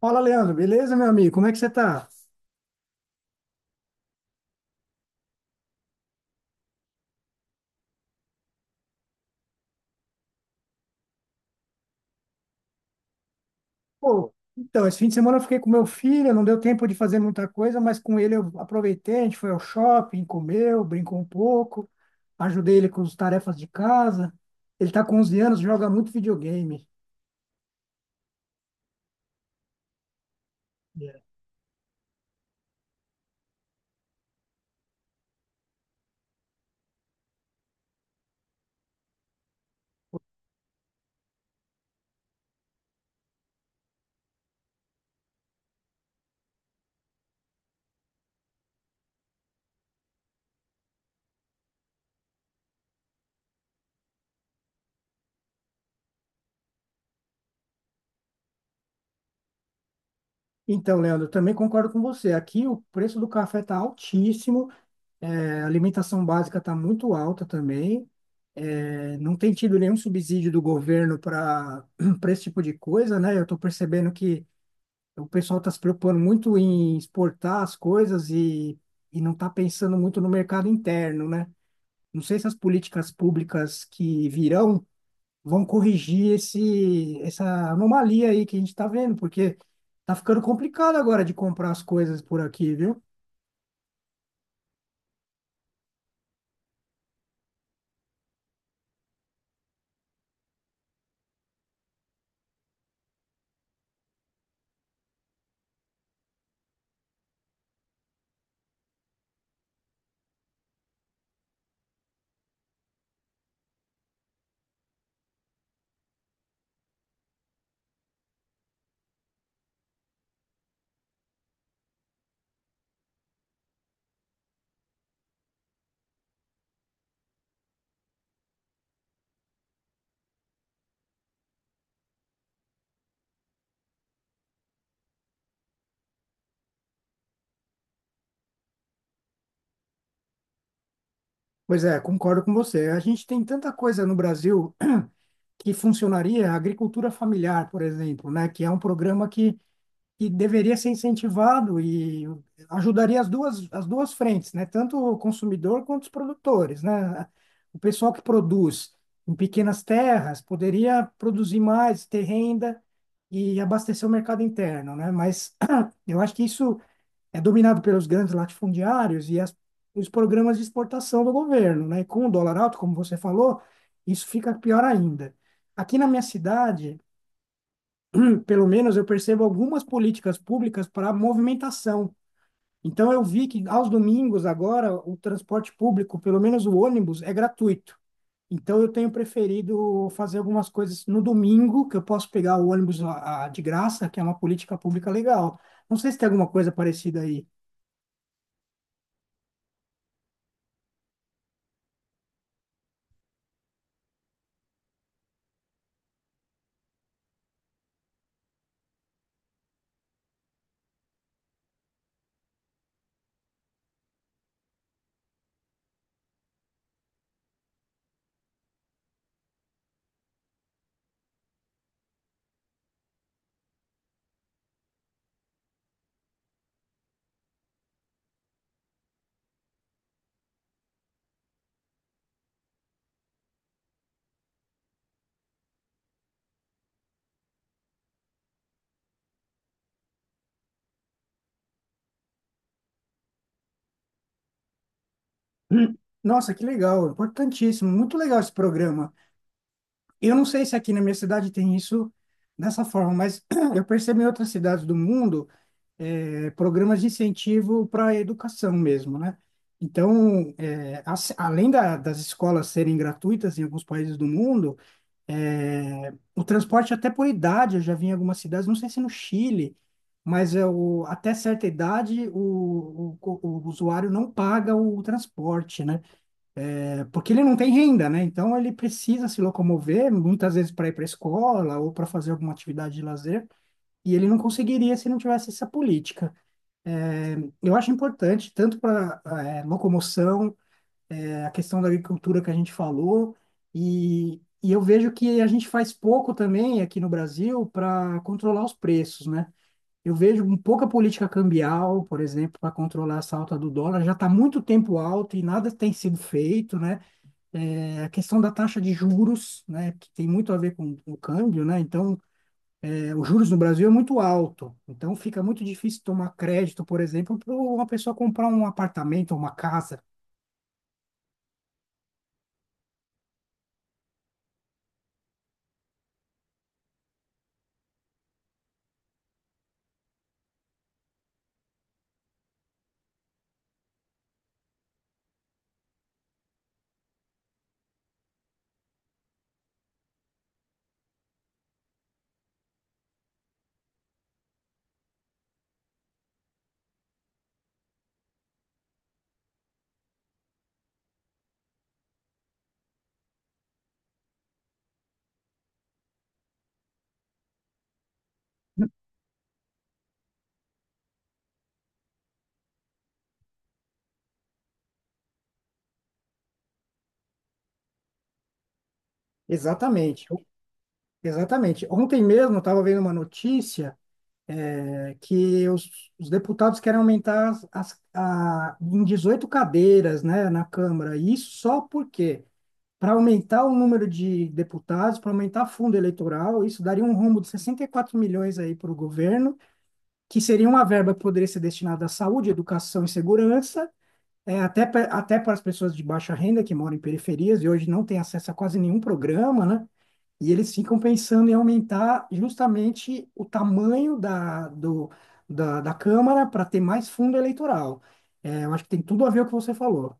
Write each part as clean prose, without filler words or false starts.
Fala, Leandro, beleza, meu amigo? Como é que você tá? Pô, então, esse fim de semana eu fiquei com meu filho, não deu tempo de fazer muita coisa, mas com ele eu aproveitei, a gente foi ao shopping, comeu, brincou um pouco, ajudei ele com as tarefas de casa. Ele tá com 11 anos, joga muito videogame. É. Então, Leandro, eu também concordo com você. Aqui o preço do café tá altíssimo, é, a alimentação básica tá muito alta também. É, não tem tido nenhum subsídio do governo para para esse tipo de coisa, né? Eu estou percebendo que o pessoal está se preocupando muito em exportar as coisas e não está pensando muito no mercado interno, né? Não sei se as políticas públicas que virão vão corrigir essa anomalia aí que a gente está vendo, porque tá ficando complicado agora de comprar as coisas por aqui, viu? Pois é, concordo com você. A gente tem tanta coisa no Brasil que funcionaria, a agricultura familiar, por exemplo, né? Que é um programa que deveria ser incentivado e ajudaria as duas frentes, né? Tanto o consumidor quanto os produtores, né? O pessoal que produz em pequenas terras poderia produzir mais, ter renda e abastecer o mercado interno, né? Mas eu acho que isso é dominado pelos grandes latifundiários e os programas de exportação do governo, né? E com o dólar alto, como você falou, isso fica pior ainda. Aqui na minha cidade, pelo menos eu percebo algumas políticas públicas para movimentação. Então eu vi que aos domingos agora o transporte público, pelo menos o ônibus, é gratuito. Então eu tenho preferido fazer algumas coisas no domingo, que eu posso pegar o ônibus de graça, que é uma política pública legal. Não sei se tem alguma coisa parecida aí. Hum. Nossa, que legal, importantíssimo, muito legal esse programa. Eu não sei se aqui na minha cidade tem isso dessa forma, mas eu percebo em outras cidades do mundo programas de incentivo para a educação mesmo, né? Então, das escolas serem gratuitas em alguns países do mundo, o transporte até por idade, eu já vi em algumas cidades, não sei se no Chile, mas é o, até certa idade o usuário não paga o transporte, né? Porque ele não tem renda, né? Então ele precisa se locomover, muitas vezes para ir para a escola ou para fazer alguma atividade de lazer, e ele não conseguiria se não tivesse essa política. É, eu acho importante, tanto para locomoção, é, a questão da agricultura que a gente falou, e eu vejo que a gente faz pouco também aqui no Brasil para controlar os preços, né? Eu vejo um pouca política cambial, por exemplo, para controlar essa alta do dólar, já está muito tempo alto e nada tem sido feito, né? É, a questão da taxa de juros, né, que tem muito a ver com o câmbio, né? Então, os juros no Brasil é muito alto, então fica muito difícil tomar crédito, por exemplo, para uma pessoa comprar um apartamento, uma casa. Exatamente, exatamente. Ontem mesmo eu estava vendo uma notícia que os deputados querem aumentar em 18 cadeiras, né, na Câmara. E isso só porque, para aumentar o número de deputados, para aumentar fundo eleitoral, isso daria um rombo de 64 milhões aí para o governo que seria uma verba que poderia ser destinada à saúde, educação e segurança. Até para as pessoas de baixa renda que moram em periferias e hoje não têm acesso a quase nenhum programa, né? E eles ficam pensando em aumentar justamente o tamanho da Câmara para ter mais fundo eleitoral. É, eu acho que tem tudo a ver com o que você falou.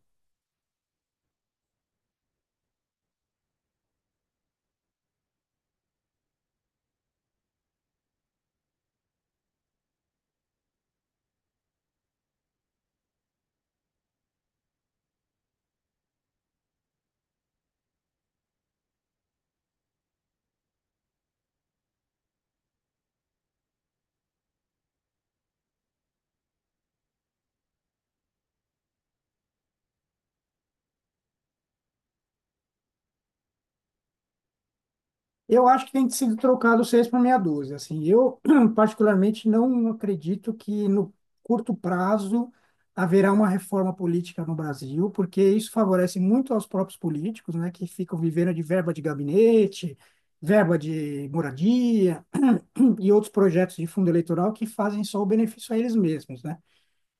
Eu acho que tem que ser trocado seis por meia dúzia. Assim, eu particularmente não acredito que no curto prazo haverá uma reforma política no Brasil, porque isso favorece muito aos próprios políticos, né, que ficam vivendo de verba de gabinete, verba de moradia e outros projetos de fundo eleitoral que fazem só o benefício a eles mesmos, né?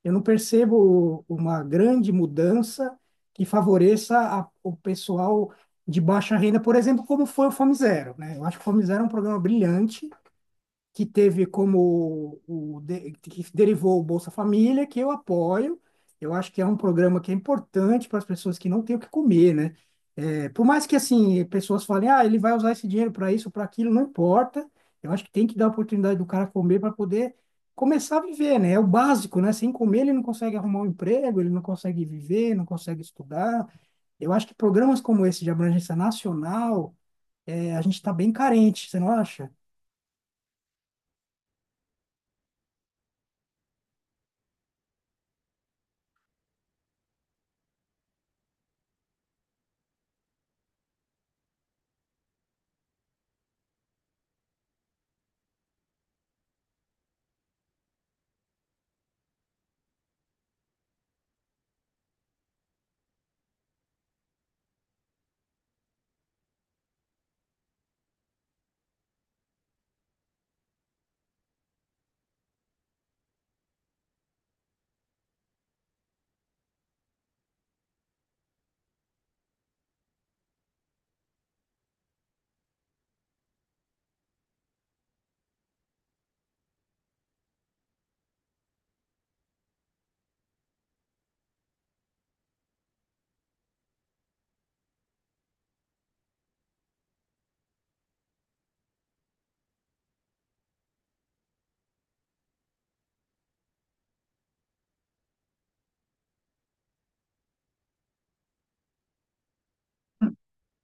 Eu não percebo uma grande mudança que favoreça o pessoal de baixa renda, por exemplo, como foi o Fome Zero, né? Eu acho que o Fome Zero é um programa brilhante, que teve como que derivou o Bolsa Família, que eu apoio. Eu acho que é um programa que é importante para as pessoas que não têm o que comer, né? É, por mais que assim pessoas falem, ah, ele vai usar esse dinheiro para isso, para aquilo, não importa. Eu acho que tem que dar a oportunidade do cara comer para poder começar a viver, né? É o básico, né? Sem comer ele não consegue arrumar um emprego, ele não consegue viver, não consegue estudar. Eu acho que programas como esse de abrangência nacional, é, a gente está bem carente, você não acha?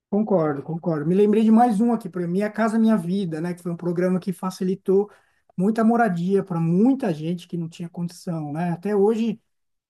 Concordo, concordo. Me lembrei de mais um aqui para Minha Casa Minha Vida, né? Que foi um programa que facilitou muita moradia para muita gente que não tinha condição, né? Até hoje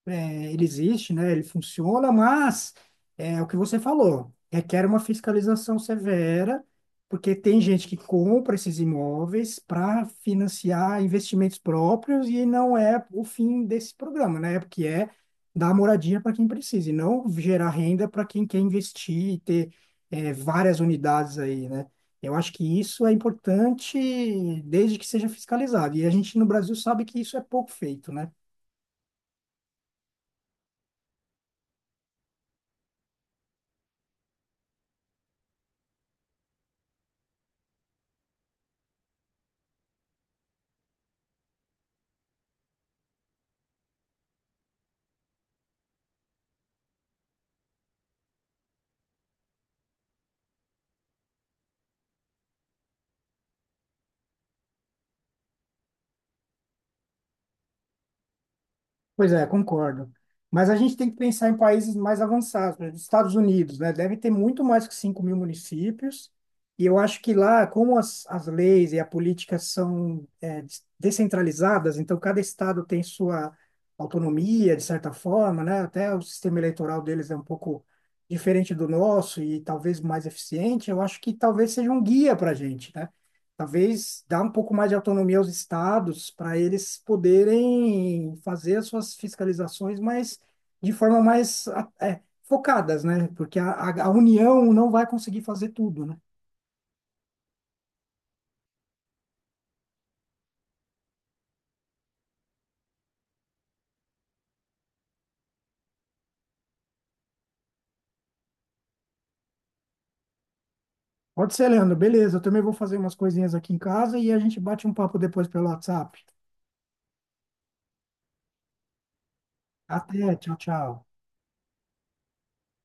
é, ele existe, né? Ele funciona, mas é o que você falou, requer uma fiscalização severa, porque tem gente que compra esses imóveis para financiar investimentos próprios e não é o fim desse programa, né? Porque é dar moradia para quem precisa e não gerar renda para quem quer investir e ter é, várias unidades aí, né? Eu acho que isso é importante desde que seja fiscalizado. E a gente no Brasil sabe que isso é pouco feito, né? Pois é, concordo. Mas a gente tem que pensar em países mais avançados, por exemplo, Estados Unidos, né? Deve ter muito mais que 5 mil municípios. E eu acho que lá, como as leis e a política são descentralizadas, então cada estado tem sua autonomia, de certa forma, né? Até o sistema eleitoral deles é um pouco diferente do nosso e talvez mais eficiente. Eu acho que talvez seja um guia para a gente, né? Talvez dar um pouco mais de autonomia aos estados para eles poderem fazer as suas fiscalizações, mas de forma mais é, focadas, né? Porque a União não vai conseguir fazer tudo, né? Pode ser, Leandro. Beleza, eu também vou fazer umas coisinhas aqui em casa e a gente bate um papo depois pelo WhatsApp. Até, tchau, tchau.